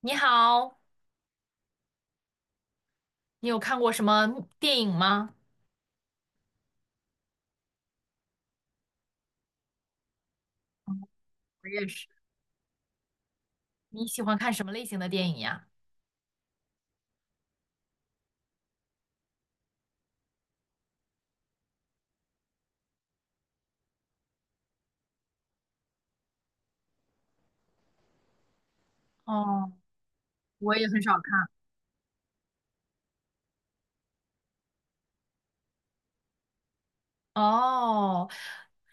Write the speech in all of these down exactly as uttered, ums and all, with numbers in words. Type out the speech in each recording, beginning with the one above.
你好，你有看过什么电影吗？嗯，我也是。你喜欢看什么类型的电影呀？哦，我也很少看。哦，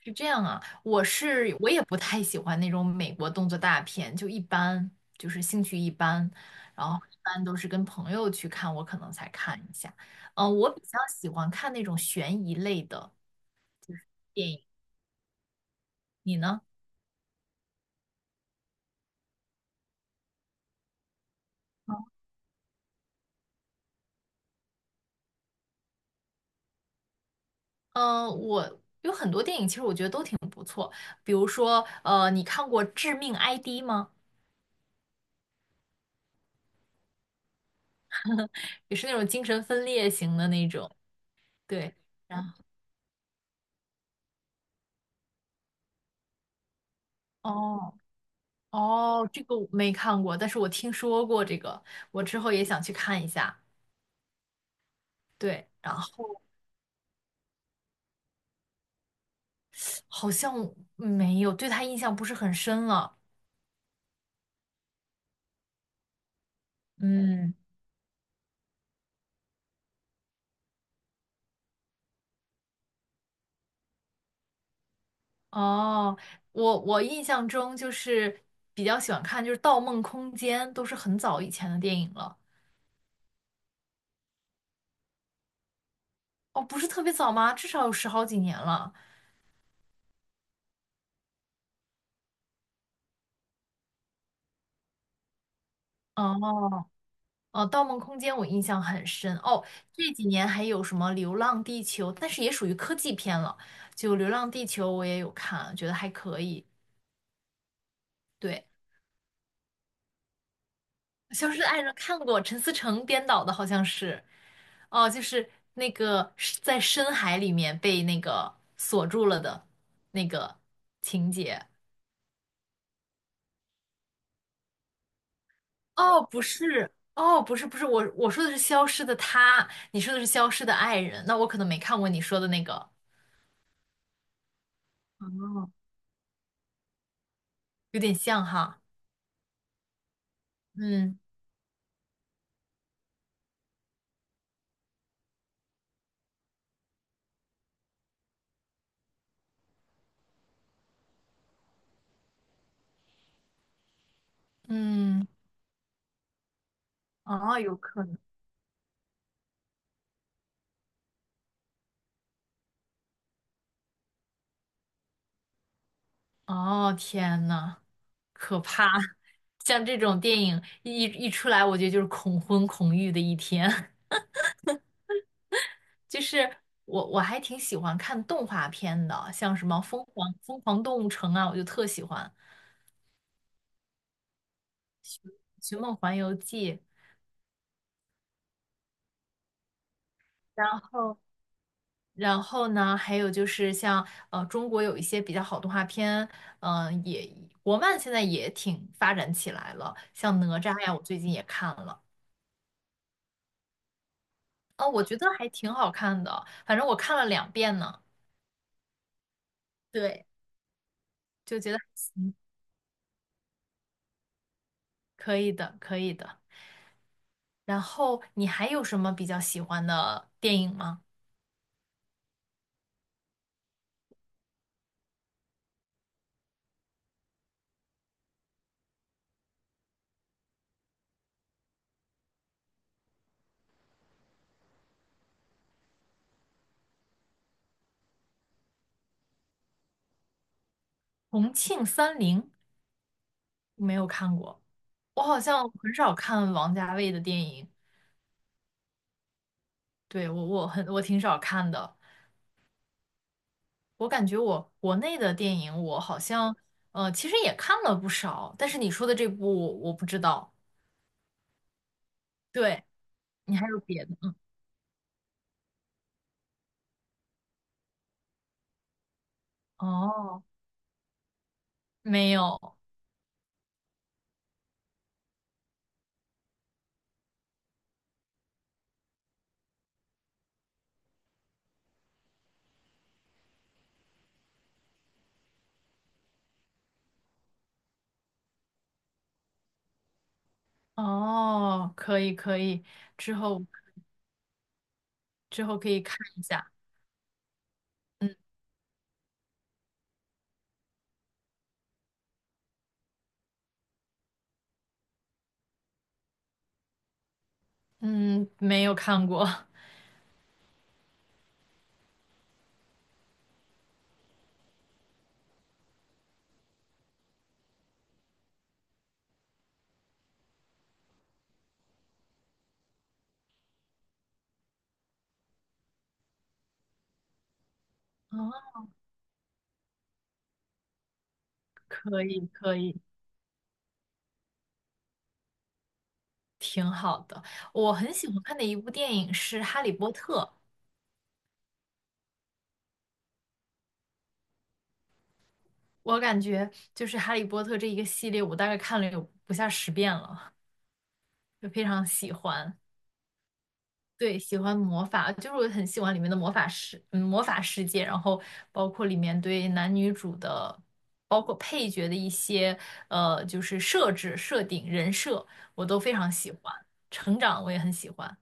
是这样啊，我是我也不太喜欢那种美国动作大片，就一般，就是兴趣一般，然后一般都是跟朋友去看，我可能才看一下。嗯、我比较喜欢看那种悬疑类的电影，你呢？嗯，呃我有很多电影，其实我觉得都挺不错。比如说，呃，你看过《致命 I D》吗？也是那种精神分裂型的那种。对，然后哦，哦，这个我没看过，但是我听说过这个，我之后也想去看一下。对，然后好像没有，对他印象不是很深了。嗯，哦，我我印象中就是比较喜欢看就是《盗梦空间》，都是很早以前的电影了。哦，不是特别早吗？至少有十好几年了。哦，哦，《盗梦空间》我印象很深。哦，这几年还有什么《流浪地球》，但是也属于科技片了。就《流浪地球》我也有看，觉得还可以。对，《消失的爱人》看过，陈思诚编导的，好像是。哦，就是那个是在深海里面被那个锁住了的那个情节。哦，不是，哦，不是，不是，我我说的是消失的他，你说的是消失的爱人，那我可能没看过你说的那个，哦，有点像哈，嗯嗯，哦，有可能。哦，天呐，可怕！像这种电影一一出来，我觉得就是恐婚恐育的一天。就是我我还挺喜欢看动画片的，像什么《疯狂疯狂动物城》啊，我就特喜欢《寻梦环游记》，然后。然后呢，还有就是像呃，中国有一些比较好动画片，嗯、也国漫现在也挺发展起来了，像哪吒呀，我最近也看了，啊、我觉得还挺好看的，反正我看了两遍呢，对，就觉得还行，可以的，可以的。然后你还有什么比较喜欢的电影吗？《重庆森林》没有看过，我好像很少看王家卫的电影，对，我我很我挺少看的。我感觉我国内的电影，我好像呃其实也看了不少，但是你说的这部我我不知道。对，你还有别的？嗯，哦，没有，哦，可以可以，之后之后可以看一下。嗯嗯，没有看过。哦，可以可以，挺好的。我很喜欢看的一部电影是《哈利波特》，我感觉就是《哈利波特》这一个系列，我大概看了有不下十遍了，就非常喜欢。对，喜欢魔法，就是我很喜欢里面的魔法世，嗯，魔法世界，然后包括里面对男女主的，包括配角的一些，呃，就是设置、设定、人设，我都非常喜欢。成长我也很喜欢。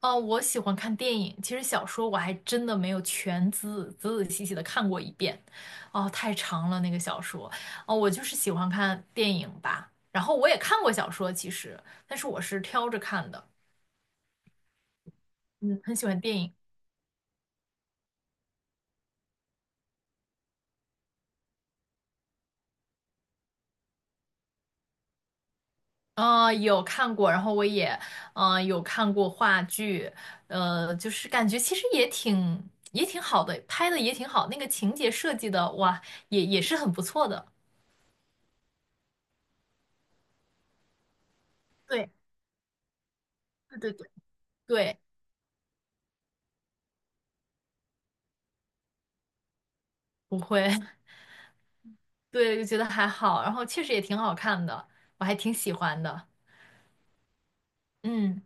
哦，我喜欢看电影，其实小说我还真的没有全仔仔仔细细的看过一遍，哦，太长了那个小说。哦，我就是喜欢看电影吧，然后我也看过小说，其实，但是我是挑着看的，嗯，很喜欢电影。呃，有看过，然后我也，嗯，有看过话剧，呃，就是感觉其实也挺也挺好的，拍的也挺好，那个情节设计的，哇，也也是很不错的。对对对对，对，不会，对，就觉得还好，然后确实也挺好看的，我还挺喜欢的。嗯，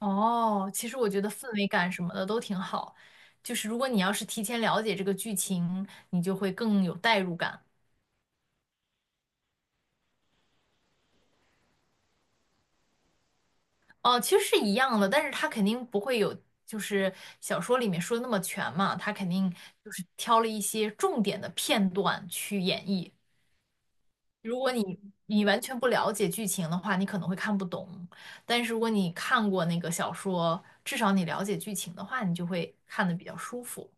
哦，其实我觉得氛围感什么的都挺好，就是如果你要是提前了解这个剧情，你就会更有代入感。哦，其实是一样的，但是他肯定不会有，就是小说里面说的那么全嘛，他肯定就是挑了一些重点的片段去演绎。如果你你完全不了解剧情的话，你可能会看不懂，但是如果你看过那个小说，至少你了解剧情的话，你就会看得比较舒服。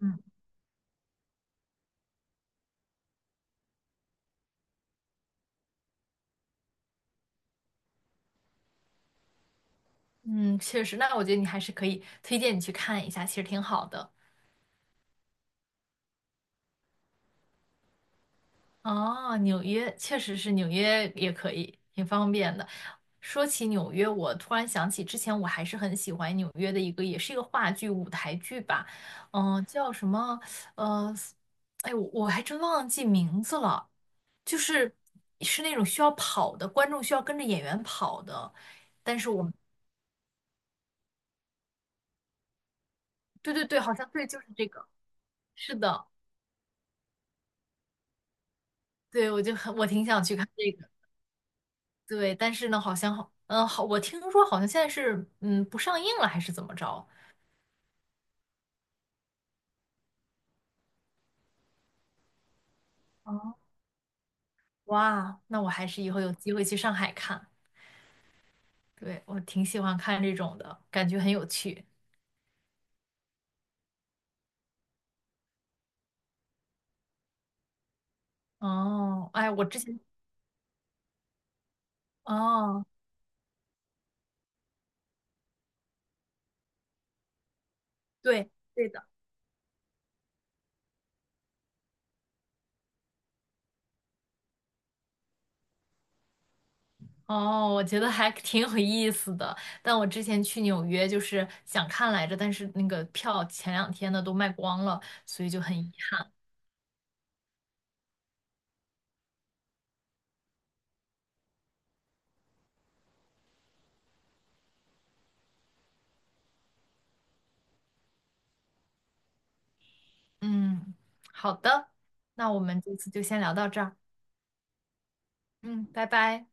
嗯嗯，确实，那我觉得你还是可以推荐你去看一下，其实挺好的。哦，纽约确实是纽约也可以，挺方便的。说起纽约，我突然想起之前我还是很喜欢纽约的一个，也是一个话剧舞台剧吧，嗯、叫什么？呃，哎，我我还真忘记名字了，就是是那种需要跑的，观众需要跟着演员跑的，但是我，对对对，好像对，就是这个，是的，对，我就很，我挺想去看这个。对，但是呢，好像好，嗯，好，我听说好像现在是，嗯，不上映了，还是怎么着？哦，哇，那我还是以后有机会去上海看。对，我挺喜欢看这种的，感觉很有趣。哦，哎，我之前，哦，对，对的。哦，我觉得还挺有意思的，但我之前去纽约就是想看来着，但是那个票前两天呢都卖光了，所以就很遗憾。嗯，好的，那我们这次就先聊到这儿。嗯，拜拜。